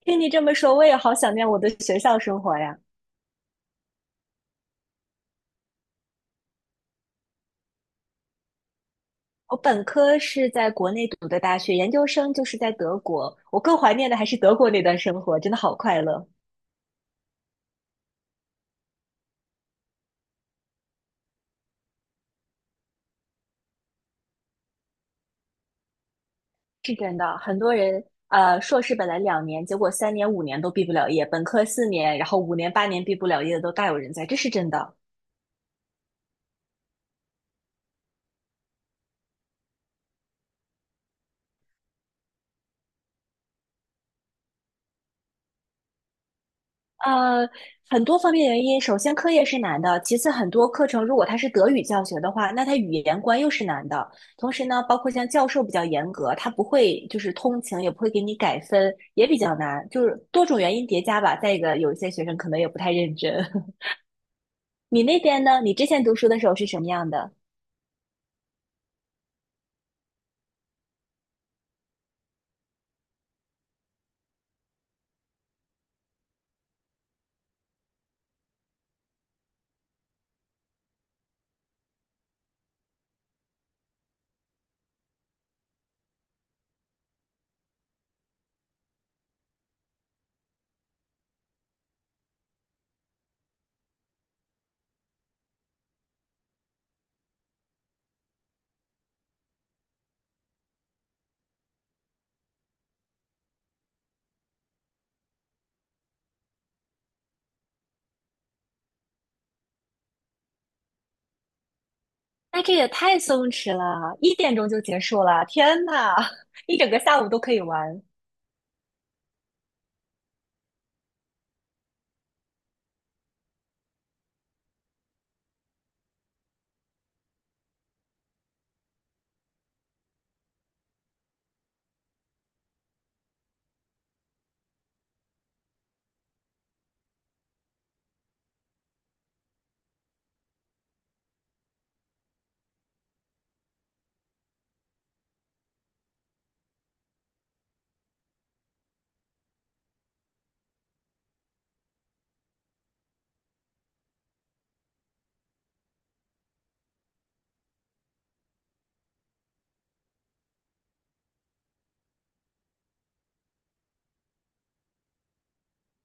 听你这么说，我也好想念我的学校生活呀。我本科是在国内读的大学，研究生就是在德国。我更怀念的还是德国那段生活，真的好快乐。是真的，很多人硕士本来2年，结果3年、五年都毕不了业；本科4年，然后五年、8年毕不了业的都大有人在，这是真的。呃，很多方面原因，首先课业是难的，其次很多课程如果它是德语教学的话，那它语言关又是难的。同时呢，包括像教授比较严格，他不会就是通情，也不会给你改分，也比较难，就是多种原因叠加吧。再一个，有一些学生可能也不太认真。你那边呢？你之前读书的时候是什么样的？那这也太松弛了，1点钟就结束了，天呐，一整个下午都可以玩。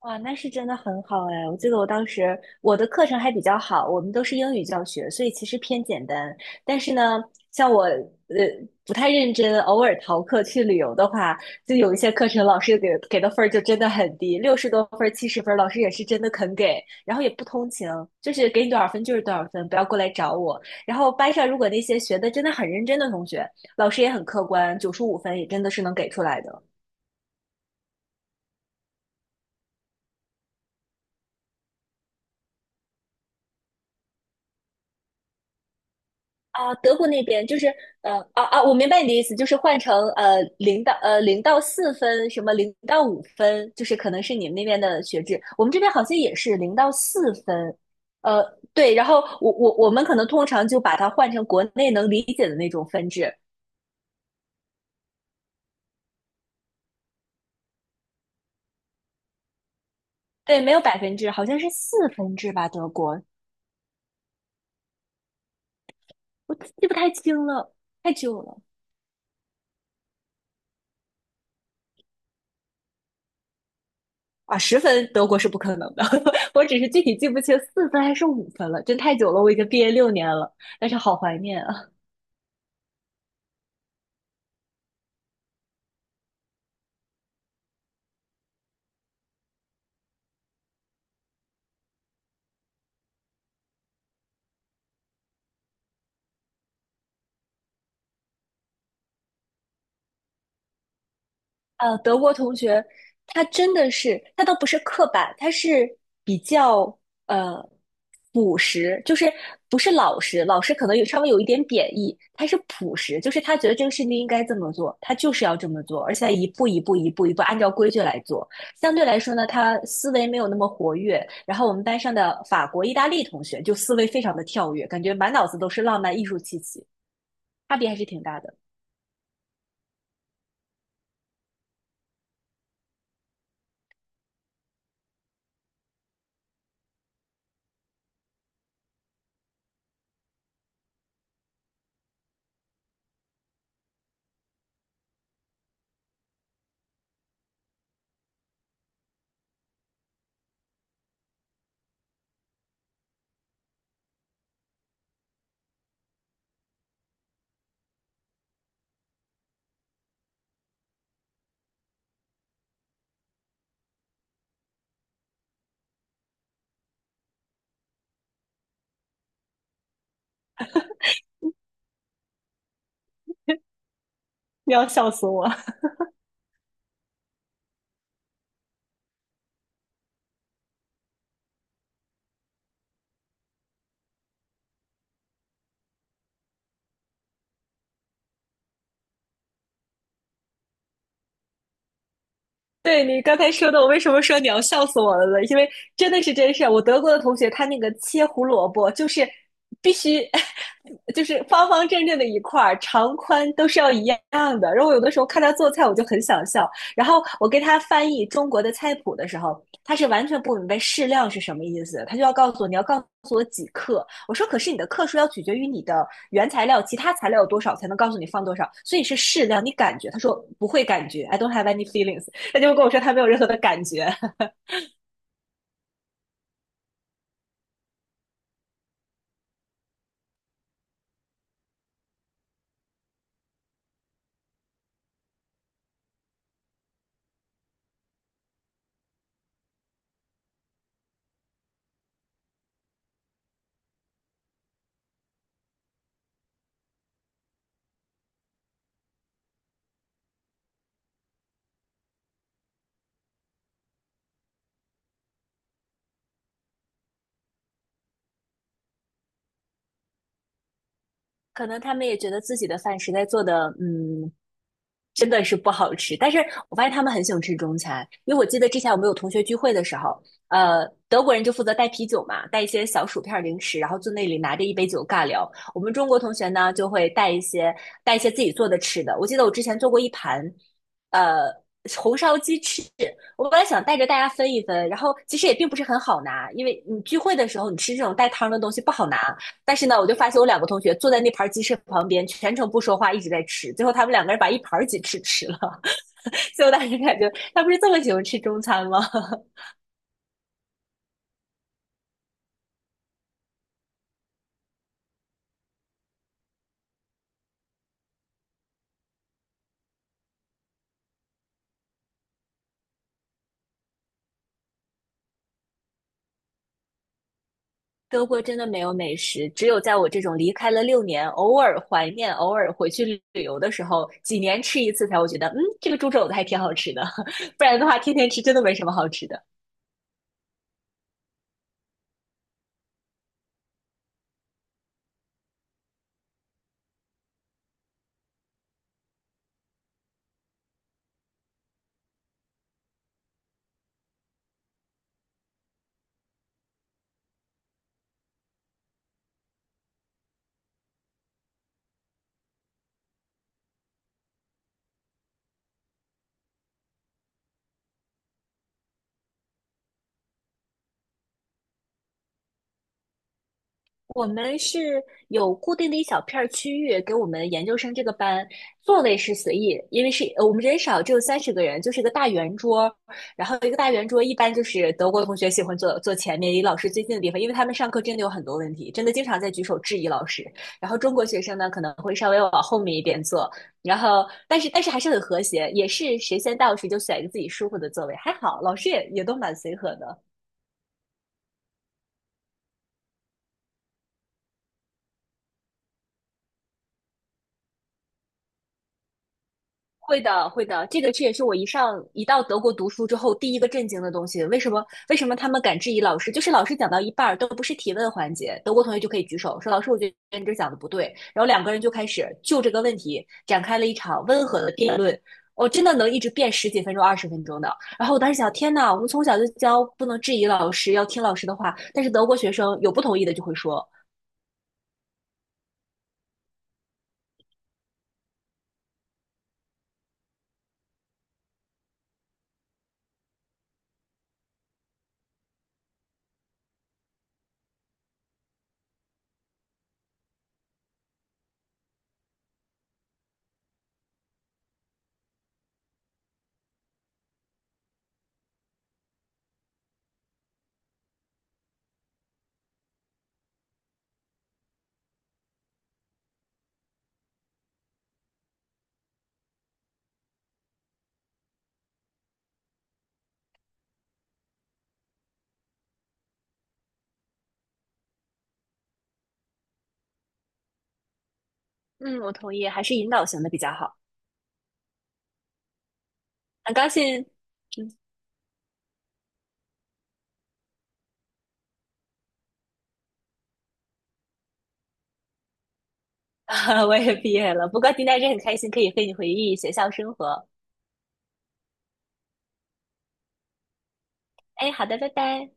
哇，那是真的很好哎！我记得我当时我的课程还比较好，我们都是英语教学，所以其实偏简单。但是呢，像我不太认真，偶尔逃课去旅游的话，就有一些课程老师给的分儿就真的很低，60多分儿、70分儿，老师也是真的肯给，然后也不通情，就是给你多少分就是多少分，不要过来找我。然后班上如果那些学的真的很认真的同学，老师也很客观，95分也真的是能给出来的。啊，德国那边就是我明白你的意思，就是换成零到四分，什么零到五分，就是可能是你们那边的学制，我们这边好像也是零到四分，呃对，然后我们可能通常就把它换成国内能理解的那种分制，对，没有百分制，好像是四分制吧，德国，我记不太清了，太久了啊，十分德国是不可能的，我只是具体记不清四分还是五分了，真太久了，我已经毕业六年了，但是好怀念啊。德国同学，他真的是，他倒不是刻板，他是比较呃朴实，就是不是老实，老实可能有稍微有一点贬义，他是朴实，就是他觉得这个事情应该这么做，他就是要这么做，而且一步一步一步一步按照规矩来做。相对来说呢，他思维没有那么活跃。然后我们班上的法国、意大利同学就思维非常的跳跃，感觉满脑子都是浪漫艺术气息，差别还是挺大的。你要笑死我！对你刚才说的，我为什么说你要笑死我了呢？因为真的是真事儿。我德国的同学，他那个切胡萝卜就是必须，就是方方正正的一块儿，长宽都是要一样的。然后我有的时候看他做菜，我就很想笑。然后我给他翻译中国的菜谱的时候，他是完全不明白适量是什么意思，他就要告诉我你要告诉我几克。我说可是你的克数要取决于你的原材料，其他材料有多少才能告诉你放多少，所以是适量。你感觉？他说不会感觉，I don't have any feelings。他就跟我说他没有任何的感觉。可能他们也觉得自己的饭实在做的，嗯，真的是不好吃。但是我发现他们很喜欢吃中餐，因为我记得之前我们有同学聚会的时候，德国人就负责带啤酒嘛，带一些小薯片零食，然后坐那里拿着一杯酒尬聊。我们中国同学呢，就会带一些自己做的吃的。我记得我之前做过一盘，呃。红烧鸡翅，我本来想带着大家分一分，然后其实也并不是很好拿，因为你聚会的时候你吃这种带汤的东西不好拿，但是呢，我就发现我两个同学坐在那盘鸡翅旁边，全程不说话，一直在吃。最后他们两个人把一盘鸡翅吃了，所以我当时感觉他不是这么喜欢吃中餐吗？德国真的没有美食，只有在我这种离开了六年，偶尔怀念、偶尔回去旅游的时候，几年吃一次才会觉得，嗯，这个猪肘子还挺好吃的。不然的话，天天吃真的没什么好吃的。我们是有固定的一小片儿区域给我们研究生这个班，座位是随意，因为是我们人少，只有30个人，就是一个大圆桌，然后一个大圆桌一般就是德国同学喜欢坐前面，离老师最近的地方，因为他们上课真的有很多问题，真的经常在举手质疑老师。然后中国学生呢可能会稍微往后面一点坐，然后但是还是很和谐，也是谁先到谁就选一个自己舒服的座位，还好老师也都蛮随和的。会的，会的，这个这也是我一到德国读书之后第一个震惊的东西。为什么？为什么他们敢质疑老师？就是老师讲到一半儿都不是提问环节，德国同学就可以举手说：“老师，我觉得你这讲的不对。”然后两个人就开始就这个问题展开了一场温和的辩论。我真的能一直辩十几分钟、20分钟的。然后我当时想，天呐，我们从小就教不能质疑老师，要听老师的话。但是德国学生有不同意的就会说：“嗯，我同意，还是引导型的比较好。”很高兴。嗯。啊，我也毕业了，不过今天还是很开心，可以和你回忆学校生活。哎，好的，拜拜。